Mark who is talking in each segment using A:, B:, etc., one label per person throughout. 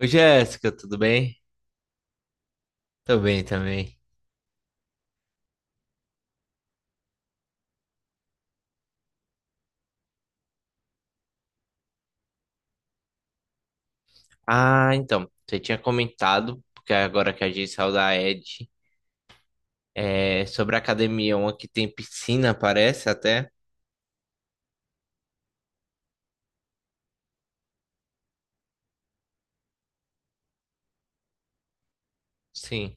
A: Oi, Jéssica, tudo bem? Tô bem também. Ah, então, você tinha comentado, porque agora que a gente saiu da Ed, sobre a academia, uma que tem piscina, parece até. Sim.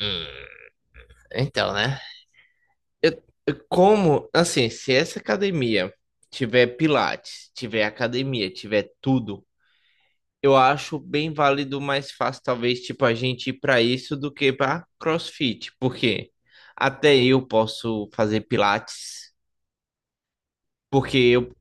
A: Hum, então, né? Eu, como, assim, se essa academia tiver pilates, tiver academia, tiver tudo, eu acho bem válido, mais fácil, talvez, tipo, a gente ir pra isso do que pra CrossFit, porque até eu posso fazer pilates. Porque eu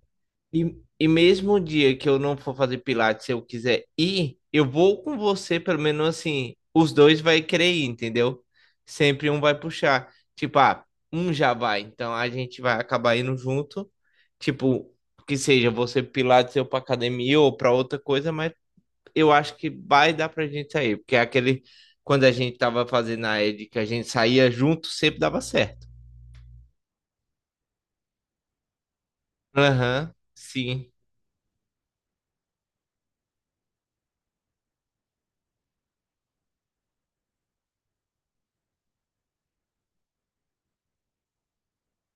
A: E, mesmo o dia que eu não for fazer pilates, se eu quiser ir, eu vou com você, pelo menos assim, os dois vai querer ir, entendeu? Sempre um vai puxar. Tipo, ah, um já vai, então a gente vai acabar indo junto. Tipo, que seja você pro pilates, eu pra academia ou pra outra coisa, mas eu acho que vai dar pra gente sair, porque é aquele quando a gente tava fazendo a ED, que a gente saía junto, sempre dava certo. Aham, sim.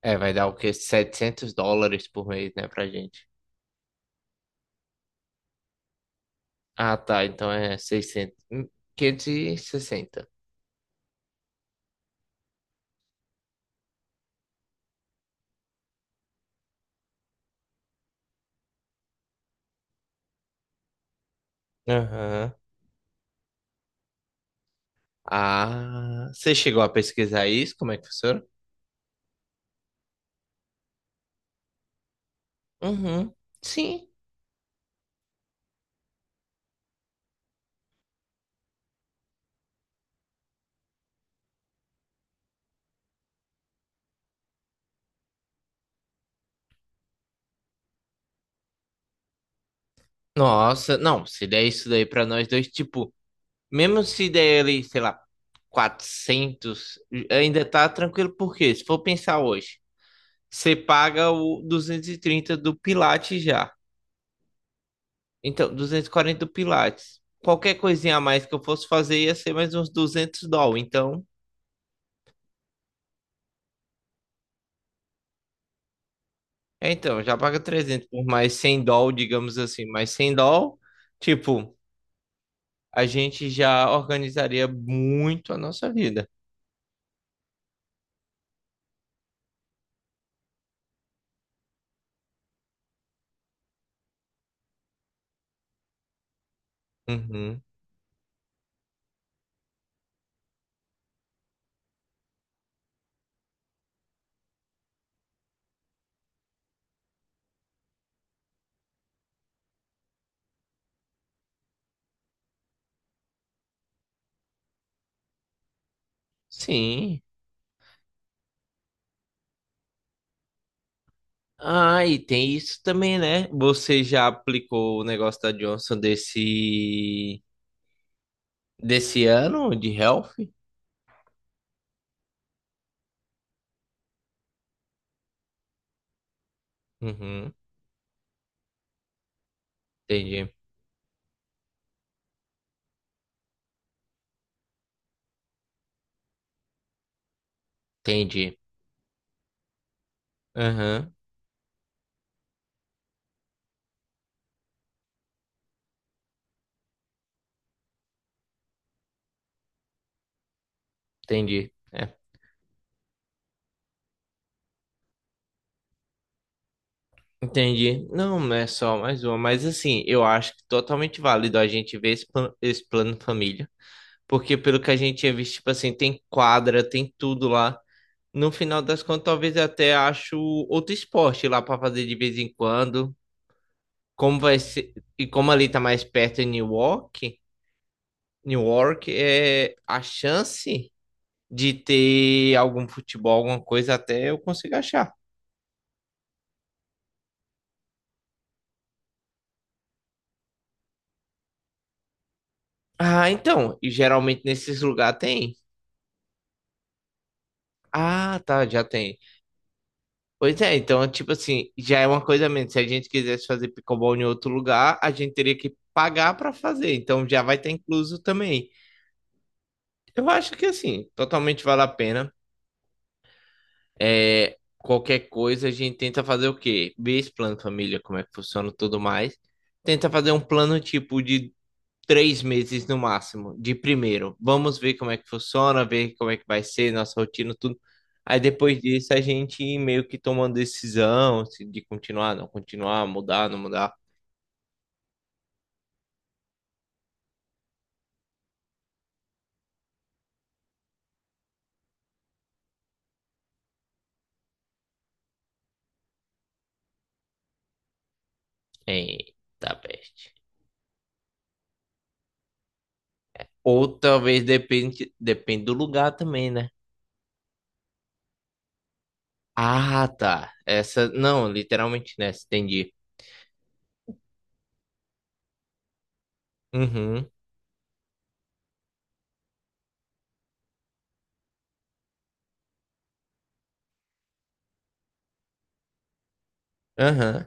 A: É, vai dar o quê? $700 por mês, né, pra gente. Ah, tá, então é 600, 560. Aham. Ah, você chegou a pesquisar isso? Como é que funciona? Uhum. Sim. Nossa, não, se der isso daí pra nós dois, tipo, mesmo se der ele, sei lá, 400, ainda tá tranquilo, porque se for pensar hoje, você paga o 230 do Pilates já. Então, 240 do Pilates. Qualquer coisinha a mais que eu fosse fazer ia ser mais uns 200 doll. Então, já paga 300 por mais 100 doll, digamos assim. Mais 100 doll, tipo, a gente já organizaria muito a nossa vida. Uhum. Sim. Ah, e tem isso também, né? Você já aplicou o negócio da Johnson desse ano de health? Uhum. Entendi. Entendi. Aham. Entendi. É. Entendi. Não, é só mais uma, mas assim, eu acho que totalmente válido a gente ver esse plano família, porque pelo que a gente tinha visto, tipo assim, tem quadra, tem tudo lá. No final das contas, talvez eu até acho outro esporte lá para fazer de vez em quando. Como vai ser, e como ali tá mais perto em Newark, Newark é a chance de ter algum futebol, alguma coisa até eu consigo achar. Ah, então, e geralmente nesses lugares tem. Ah, tá, já tem. Pois é, então, tipo assim, já é uma coisa a menos. Se a gente quisesse fazer pickleball em outro lugar, a gente teria que pagar para fazer. Então já vai estar incluso também. Eu acho que assim, totalmente vale a pena. É, qualquer coisa a gente tenta fazer o quê? Ver esse plano de família, como é que funciona e tudo mais. Tenta fazer um plano tipo de 3 meses no máximo, de primeiro. Vamos ver como é que funciona, ver como é que vai ser nossa rotina, tudo. Aí depois disso a gente meio que toma uma decisão se de continuar, não continuar, mudar, não mudar. Eita peste. Ou talvez depende, depende do lugar também, né? Ah, tá. Essa, não, literalmente nessa, entendi. Uhum, aham.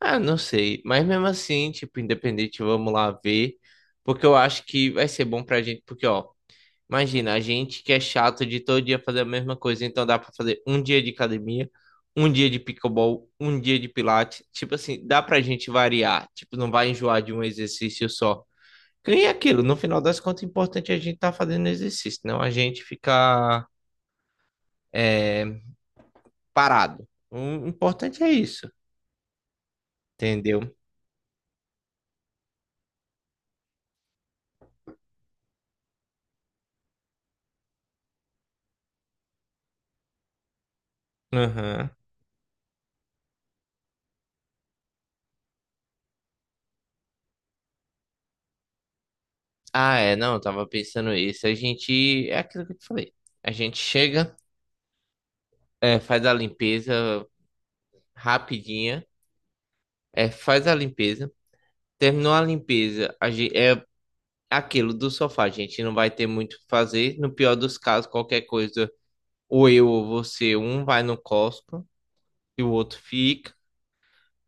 A: Ah, não sei. Mas mesmo assim, tipo, independente, vamos lá ver. Porque eu acho que vai ser bom pra gente, porque, ó. Imagina, a gente que é chato de todo dia fazer a mesma coisa, então dá pra fazer um dia de academia, um dia de pickleball, um dia de pilates. Tipo assim, dá pra gente variar. Tipo, não vai enjoar de um exercício só. E é aquilo, no final das contas, o importante é a gente estar tá fazendo exercício, não a gente ficar é, parado. O importante é isso, entendeu? Aham. Ah, é, não, eu tava pensando isso. A gente, é aquilo que eu te falei. A gente chega, faz a limpeza rapidinha. É, faz a limpeza. Terminou a limpeza, a gente, é aquilo do sofá, a gente não vai ter muito o que fazer. No pior dos casos, qualquer coisa, ou eu ou você, um vai no Costco e o outro fica.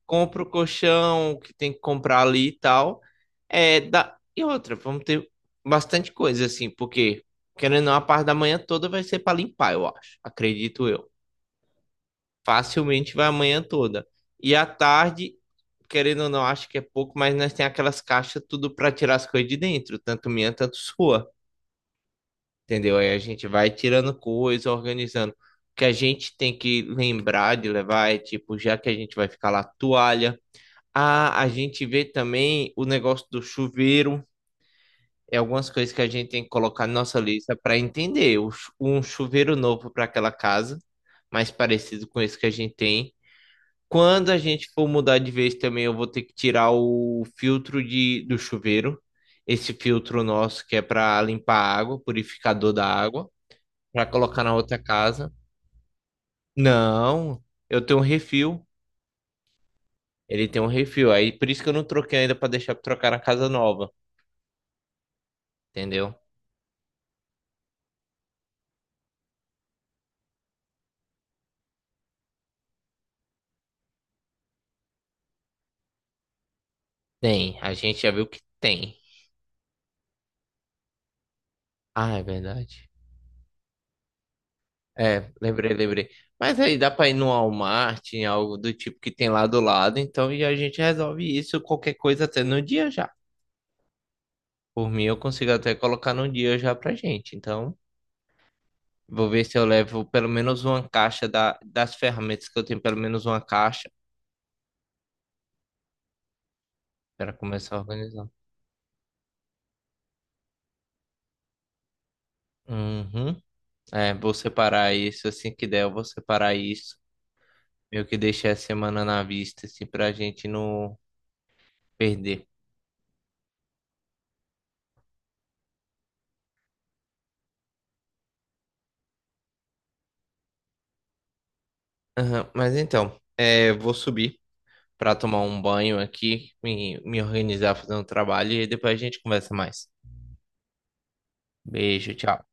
A: Compra o colchão que tem que comprar ali e tal. É, dá... E outra, vamos ter bastante coisa assim, porque querendo ou não, a parte da manhã toda vai ser para limpar, eu acho. Acredito eu. Facilmente vai a manhã toda. E à tarde, querendo ou não, acho que é pouco, mas nós tem aquelas caixas tudo para tirar as coisas de dentro, tanto minha, tanto sua, entendeu? Aí a gente vai tirando coisa, organizando. O que a gente tem que lembrar de levar é tipo, já que a gente vai ficar lá, toalha. Ah, a gente vê também o negócio do chuveiro. É algumas coisas que a gente tem que colocar na nossa lista para entender. O chu- um chuveiro novo para aquela casa, mais parecido com esse que a gente tem. Quando a gente for mudar de vez também, eu vou ter que tirar o filtro do chuveiro. Esse filtro nosso que é para limpar a água, purificador da água, para colocar na outra casa. Não, eu tenho um refil. Ele tem um refil. Aí por isso que eu não troquei ainda para deixar para trocar na casa nova, entendeu? Tem, a gente já viu que tem. Ah, é verdade. É, lembrei, lembrei. Mas aí dá para ir no Walmart, em algo do tipo que tem lá do lado, então e a gente resolve isso, qualquer coisa até no dia já. Por mim, eu consigo até colocar num dia já pra gente. Então, vou ver se eu levo pelo menos uma caixa das ferramentas que eu tenho, pelo menos uma caixa para começar a organizar. Uhum. É, vou separar isso assim que der, eu vou separar isso. Meio que deixar a semana na vista, assim, pra gente não perder. Aham, mas então, é, vou subir pra tomar um banho aqui, me organizar, fazer um trabalho e depois a gente conversa mais. Beijo, tchau.